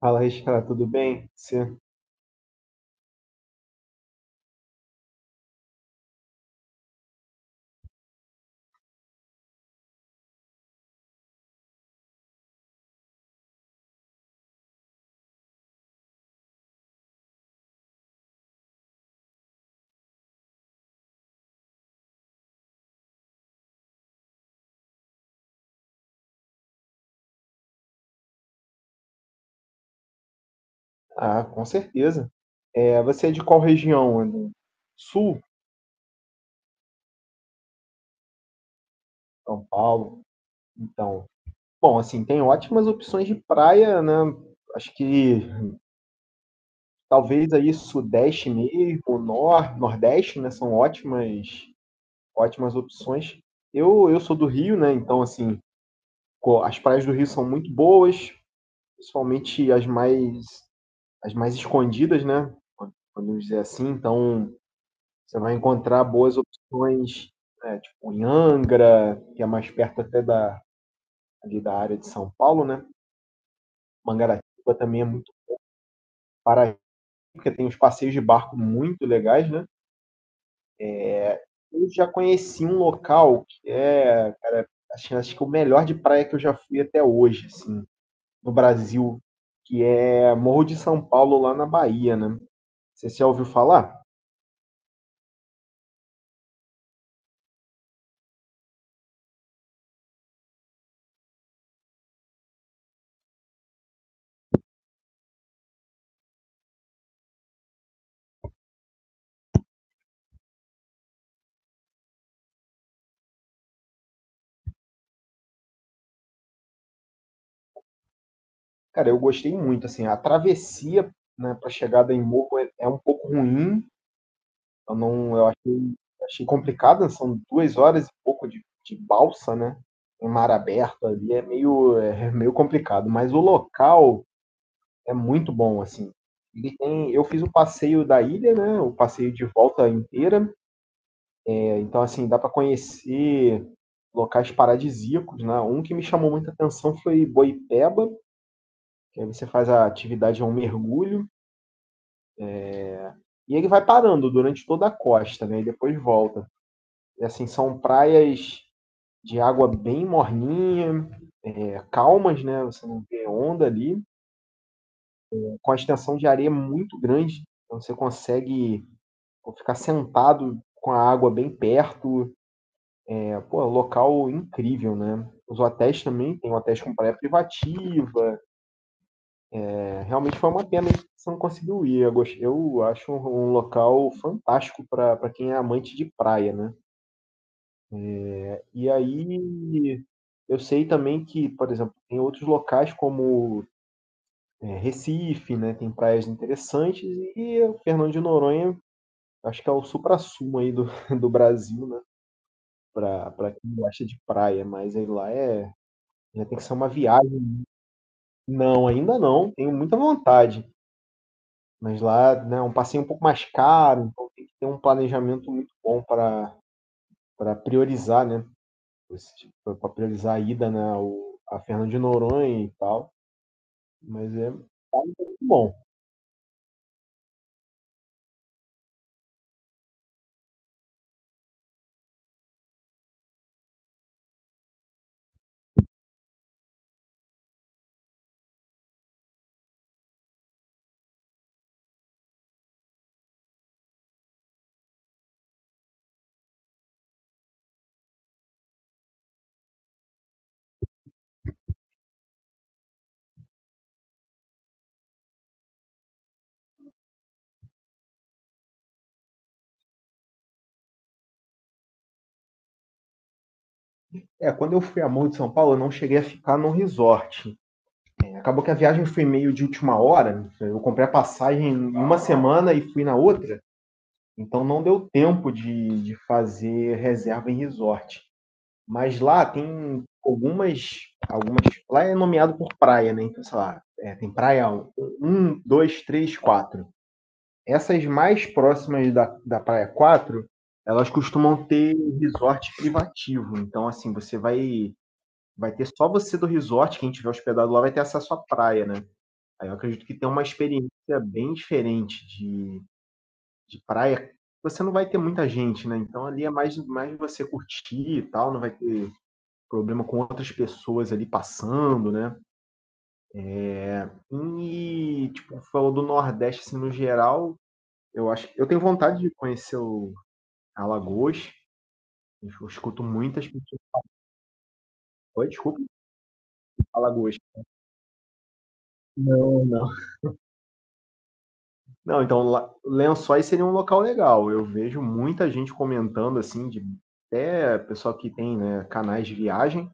Fala, Raíssa, tudo bem? Você? Ah, com certeza. Você é de qual região, André? Sul, São Paulo. Então, bom, assim, tem ótimas opções de praia, né? Acho que talvez aí Sudeste mesmo, Nor, Nordeste, né? Ótimas opções. Eu sou do Rio, né? Então, assim, as praias do Rio são muito boas, principalmente as mais, as mais escondidas, né? Podemos dizer assim. Então, você vai encontrar boas opções, né, tipo em Angra, que é mais perto até ali da área de São Paulo, né? Mangaratiba também é muito para, porque tem uns passeios de barco muito legais, né? Eu já conheci um local que é, acho que o melhor de praia que eu já fui até hoje, assim, no Brasil, que é Morro de São Paulo, lá na Bahia, né? Você já ouviu falar? Cara, eu gostei muito, assim, a travessia, né, para chegada em Morro é um pouco ruim. Eu não, eu achei complicado, são 2 horas e pouco de balsa, né? Em mar aberto ali é é meio complicado, mas o local é muito bom, assim. Ele tem, eu fiz o passeio da ilha, né? O passeio de volta inteira. É, então, assim, dá para conhecer locais paradisíacos, né? Um que me chamou muita atenção foi Boipeba, que aí você faz a atividade, é um mergulho, e ele vai parando durante toda a costa, né? E depois volta. E, assim, são praias de água bem morninha, é, calmas, né? Você não vê onda ali, com a extensão de areia muito grande, então você consegue ficar sentado com a água bem perto. É, pô, local incrível, né? Os hotéis também, tem hotéis com praia privativa. É, realmente foi uma pena que você não conseguiu ir. Eu, eu acho um local fantástico para quem é amante de praia, né? E aí eu sei também que, por exemplo, tem outros locais como é, Recife, né, tem praias interessantes. E o Fernando de Noronha acho que é o suprassumo aí do do Brasil, né, pra quem gosta de praia. Mas aí lá é, já tem que ser uma viagem. Não, ainda não, tenho muita vontade, mas lá, né, é um passeio um pouco mais caro, então tem que ter um planejamento muito bom para priorizar, né, para priorizar a ida, né, ao a Fernando de Noronha e tal, mas é muito bom. É, quando eu fui a Morro de São Paulo, eu não cheguei a ficar num resort. Acabou que a viagem foi meio de última hora. Eu comprei a passagem em uma semana e fui na outra. Então não deu tempo de fazer reserva em resort. Mas lá tem algumas. Algumas, lá é nomeado por praia, né? Então, sei lá, é, tem praia um, 2, 3, 4. Essas mais próximas da praia 4, elas costumam ter resort privativo. Então, assim, você vai ter só você do resort, quem tiver hospedado lá vai ter acesso à praia, né? Aí eu acredito que tem uma experiência bem diferente de praia, você não vai ter muita gente, né, então ali é mais você curtir e tal, não vai ter problema com outras pessoas ali passando, né. E, tipo, falou do Nordeste, assim, no geral, eu acho que eu tenho vontade de conhecer o Alagoas, eu escuto muitas pessoas. Oi, desculpa? Alagoas. Não, não. Não, então lá- Lençóis seria um local legal. Eu vejo muita gente comentando assim, de até pessoal que tem, né, canais de viagem.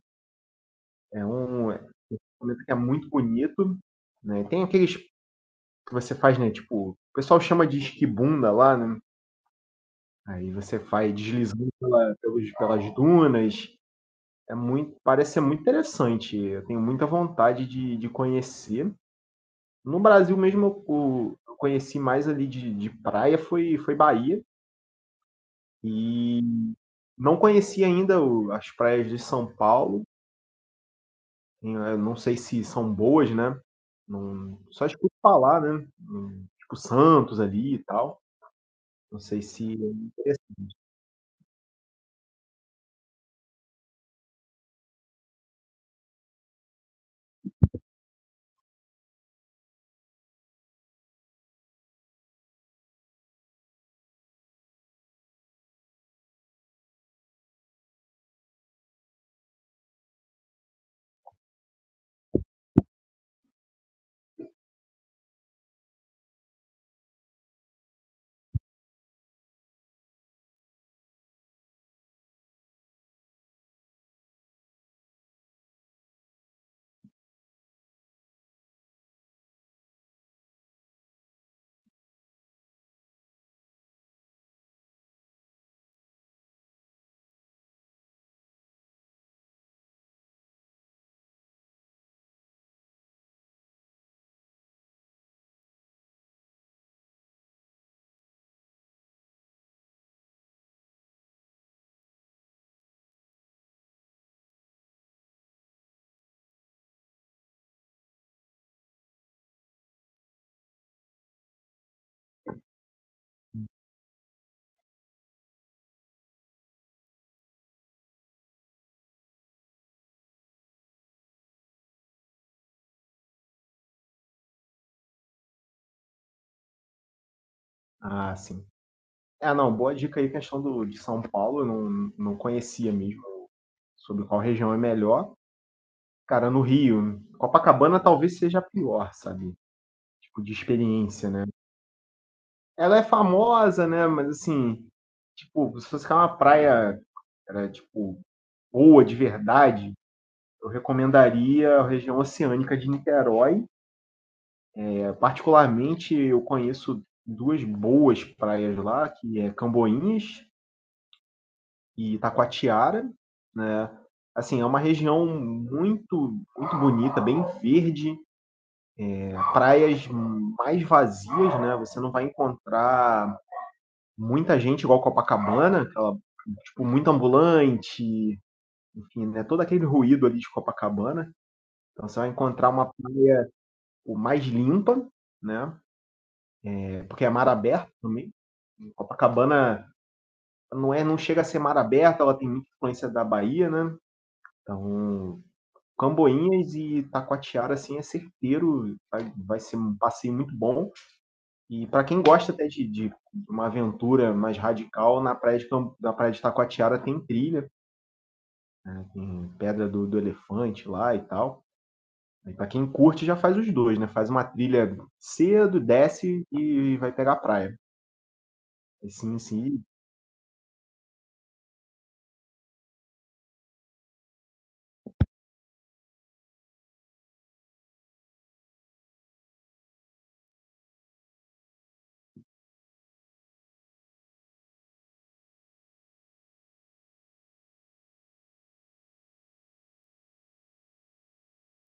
É, comenta que é muito bonito, né. Tem aqueles que você faz, né, tipo, o pessoal chama de esquibunda lá, né. Aí você faz deslizando pela pelos pelas dunas. É muito, parece ser muito interessante. Eu tenho muita vontade de conhecer. No Brasil mesmo eu conheci mais ali de praia foi, foi Bahia. E não conhecia ainda as praias de São Paulo. Eu não sei se são boas, né? Não, só escuto falar, né? Tipo Santos ali e tal. Não sei se é interessante. Ah, sim. Ah, não, boa dica aí, questão do, de São Paulo, eu não, não conhecia mesmo sobre qual região é melhor. Cara, no Rio, Copacabana talvez seja a pior, sabe? Tipo, de experiência, né? Ela é famosa, né? Mas assim, tipo, se fosse ficar uma praia, era, tipo, boa de verdade, eu recomendaria a região oceânica de Niterói. É, particularmente, eu conheço duas boas praias lá, que é Camboinhas e Itacoatiara, né? Assim, é uma região muito bonita, bem verde, é, praias mais vazias, né? Você não vai encontrar muita gente igual Copacabana, aquela, tipo, muito ambulante, enfim, né? Todo aquele ruído ali de Copacabana. Então você vai encontrar uma praia o mais limpa, né? É, porque é mar aberto também. Copacabana não chega a ser mar aberto, ela tem muita influência da Bahia, né? Então, Camboinhas e Taquatiara, assim, é certeiro, vai ser um passeio muito bom. E para quem gosta até de uma aventura mais radical, na na praia de Taquatiara tem trilha, né, tem pedra do elefante lá e tal. E para quem curte, já faz os dois, né? Faz uma trilha cedo, desce e vai pegar a praia. Assim, assim,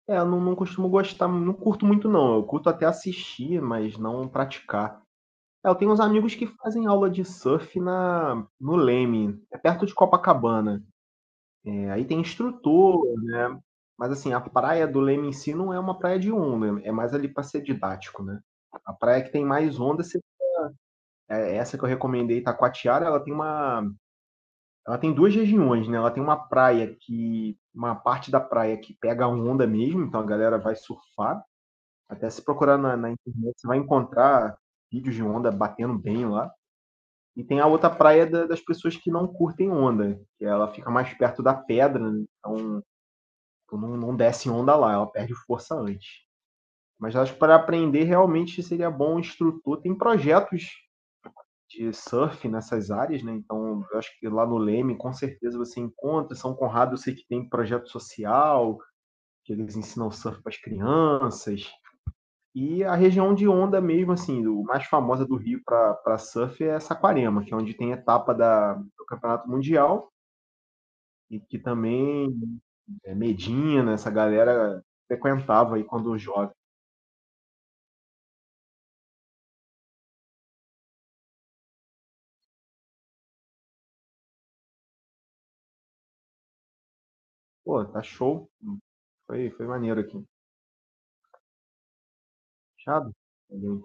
é, eu não, não costumo gostar, não curto muito não. Eu curto até assistir, mas não praticar. É, eu tenho uns amigos que fazem aula de surf na no Leme, é perto de Copacabana. É, aí tem instrutor, né, mas assim, a praia do Leme em si não é uma praia de onda, é mais ali para ser didático, né. A praia que tem mais onda se é essa que eu recomendei, Itacoatiara, ela tem uma ela tem 2 regiões, né, ela tem uma praia que uma parte da praia que pega a onda mesmo, então a galera vai surfar. Até se procurar na internet, você vai encontrar vídeos de onda batendo bem lá. E tem a outra praia das pessoas que não curtem onda, que ela fica mais perto da pedra, né? Então tipo, não desce onda lá, ela perde força antes. Mas acho que para aprender realmente seria bom um instrutor. Tem projetos de surf nessas áreas, né? Então eu acho que lá no Leme com certeza você encontra. São Conrado eu sei que tem projeto social, que eles ensinam surf para as crianças. E a região de onda mesmo, assim, do mais famosa do Rio para surf é Saquarema, que é onde tem a etapa do Campeonato Mundial, e que também é, Medina, essa galera frequentava aí quando jovem. Pô, tá show. Foi maneiro aqui. Fechado? Valeu, então.